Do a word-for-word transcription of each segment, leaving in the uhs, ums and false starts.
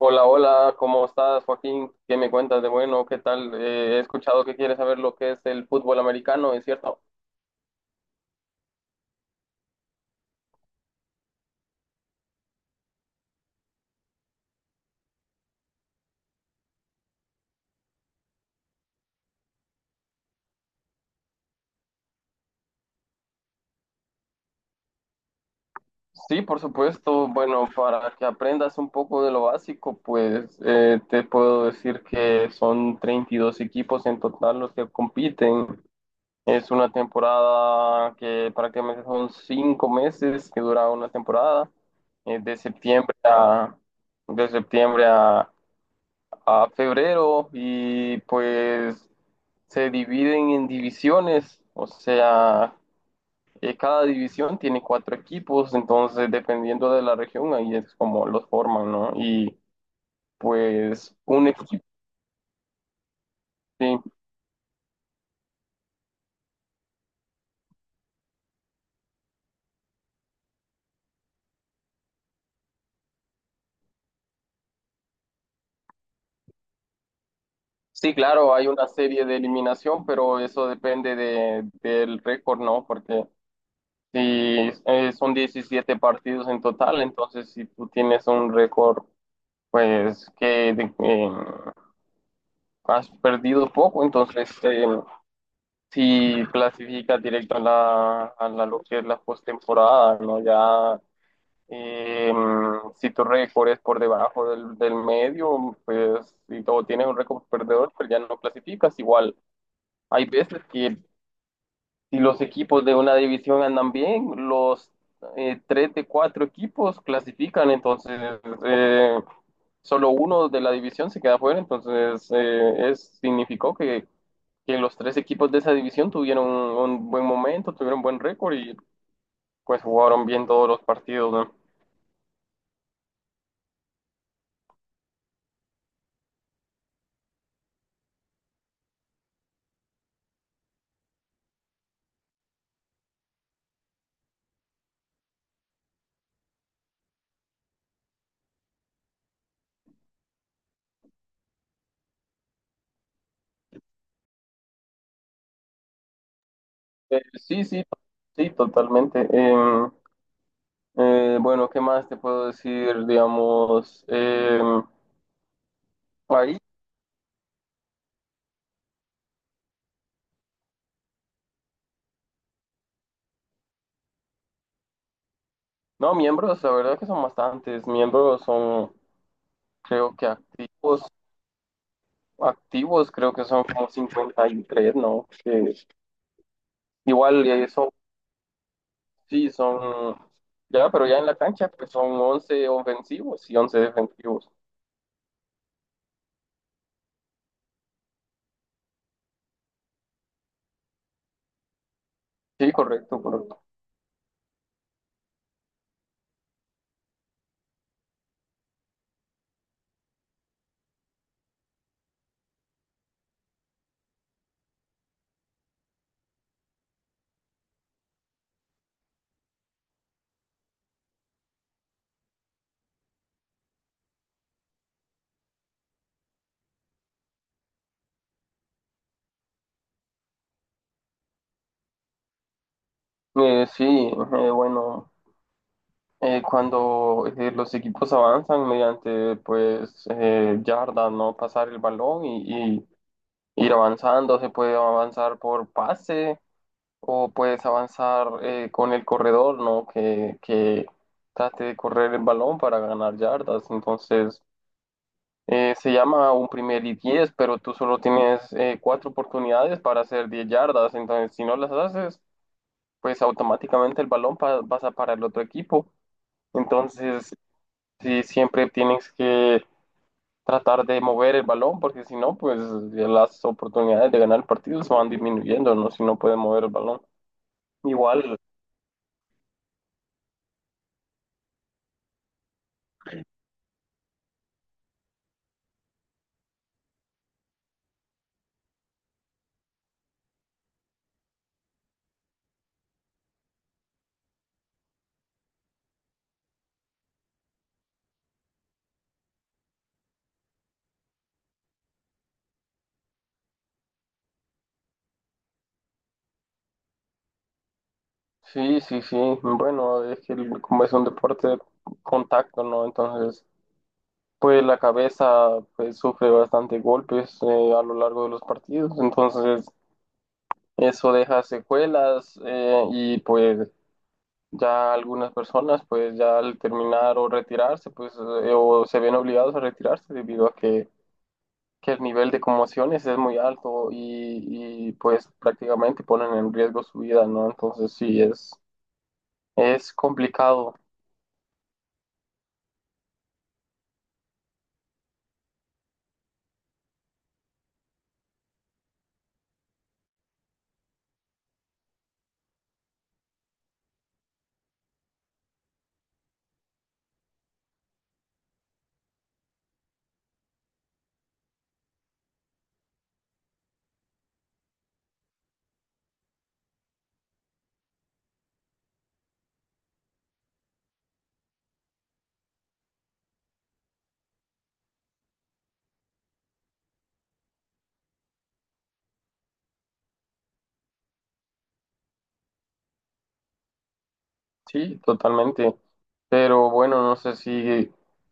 Hola, hola, ¿cómo estás, Joaquín? ¿Qué me cuentas de bueno? ¿Qué tal? Eh, he escuchado que quieres saber lo que es el fútbol americano, ¿es cierto? Sí, por supuesto. Bueno, para que aprendas un poco de lo básico, pues eh, te puedo decir que son treinta y dos equipos en total los que compiten. Es una temporada que prácticamente son cinco meses que dura una temporada, eh, de septiembre a, de septiembre a a febrero, y pues se dividen en divisiones, o sea, eh, cada división tiene cuatro equipos, entonces dependiendo de la región ahí es como los forman, ¿no? Y pues un equipo, sí. Sí, claro, hay una serie de eliminación, pero eso depende de, del récord, ¿no? Porque si eh, son diecisiete partidos en total, entonces si tú tienes un récord, pues que de- eh, has perdido poco, entonces eh, si clasificas directo a la, a la- lo que es la postemporada, ¿no? Ya eh, si tu récord es por debajo del, del medio, pues si todo tienes un récord perdedor, pues ya no clasificas. Igual hay veces que si los equipos de una división andan bien, los eh, tres de cuatro equipos clasifican, entonces eh, solo uno de la división se queda fuera, entonces eh, es, significó que, que los tres equipos de esa división tuvieron un, un buen momento, tuvieron buen récord y pues jugaron bien todos los partidos, ¿no? Eh, sí, sí, sí, totalmente. Em, eh, bueno, ¿qué más te puedo decir? Digamos, em, ahí. No, miembros, la verdad que son bastantes. Miembros son, creo que activos, activos creo que son como cincuenta y tres, ¿no? Que igual eh, son, sí, son, ya, pero ya en la cancha pues son once ofensivos y once defensivos. Sí, correcto, correcto. Eh, sí, eh, bueno, eh, cuando eh, los equipos avanzan mediante pues eh, yardas, ¿no? Pasar el balón y, y ir avanzando, se puede avanzar por pase. O puedes avanzar eh, con el corredor, ¿no? Que, que trate de correr el balón para ganar yardas. Entonces, eh, se llama un primer y diez, pero tú solo tienes eh, cuatro oportunidades para hacer diez yardas. Entonces, si no las haces, pues automáticamente el balón pa- pasa para el otro equipo. Entonces, sí, siempre tienes que tratar de mover el balón, porque si no, pues las oportunidades de ganar el partido se van disminuyendo, ¿no? Si no puedes mover el balón. Igual. Sí, sí, sí. Bueno, es que el- como es un deporte de contacto, ¿no? Entonces, pues la cabeza pues, sufre bastante golpes eh, a lo largo de los partidos. Entonces, eso deja secuelas eh, y pues ya algunas personas pues ya al terminar o retirarse, pues eh, o se ven obligados a retirarse debido a que, que el nivel de conmociones es muy alto y, y pues prácticamente ponen en riesgo su vida, ¿no? Entonces, sí, es, es complicado. Sí, totalmente. Pero bueno, no sé si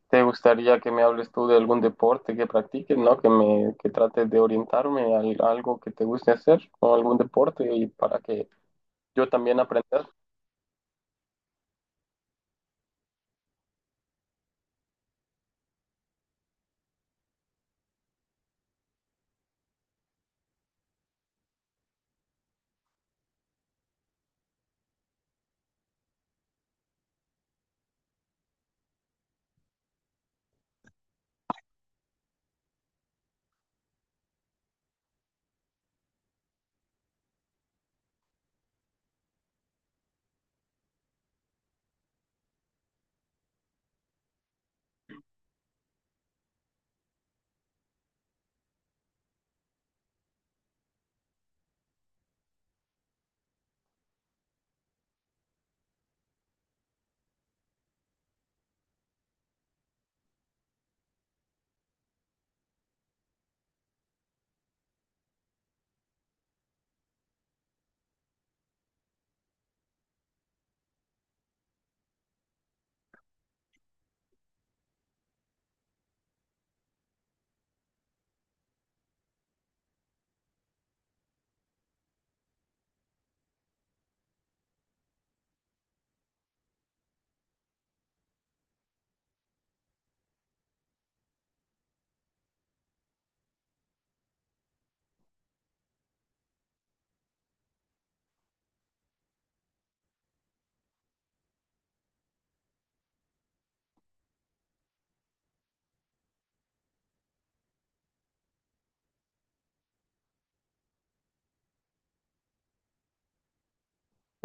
te gustaría que me hables tú de algún deporte que practiques, ¿no? Que me, que trates de orientarme a algo que te guste hacer o algún deporte y para que yo también aprenda.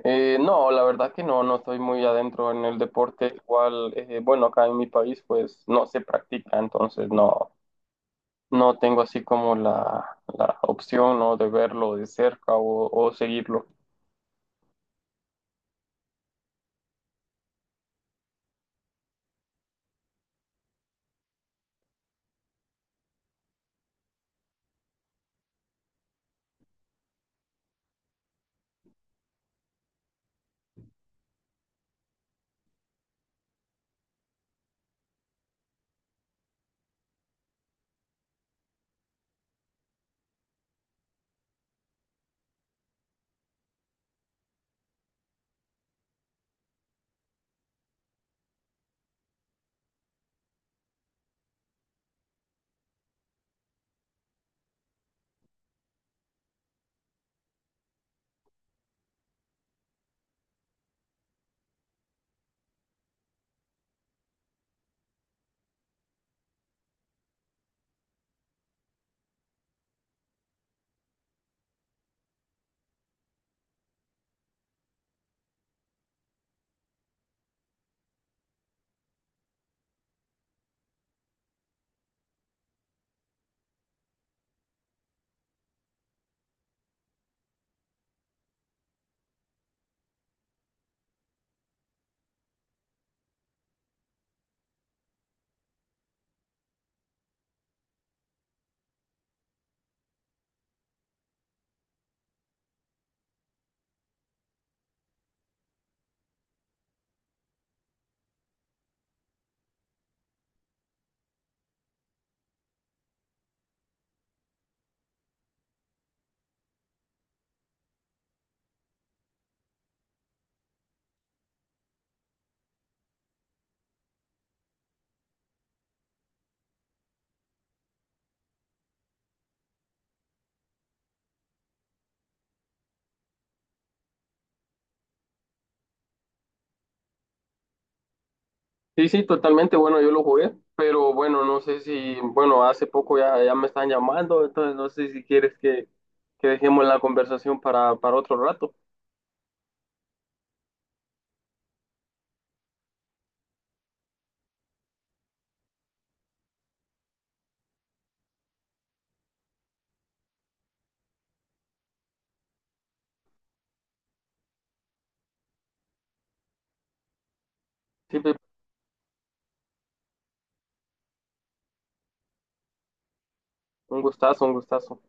Eh, no, la verdad que no, no estoy muy adentro en el deporte, igual, eh, bueno, acá en mi país pues no se practica, entonces no, no tengo así como la, la opción, ¿no?, de verlo de cerca o, o seguirlo. Sí, sí, totalmente. Bueno, yo lo jugué, pero bueno, no sé si, bueno, hace poco ya, ya me están llamando, entonces no sé si quieres que, que dejemos la conversación para, para otro rato. Sí, Pepe, un gustazo, un gustazo.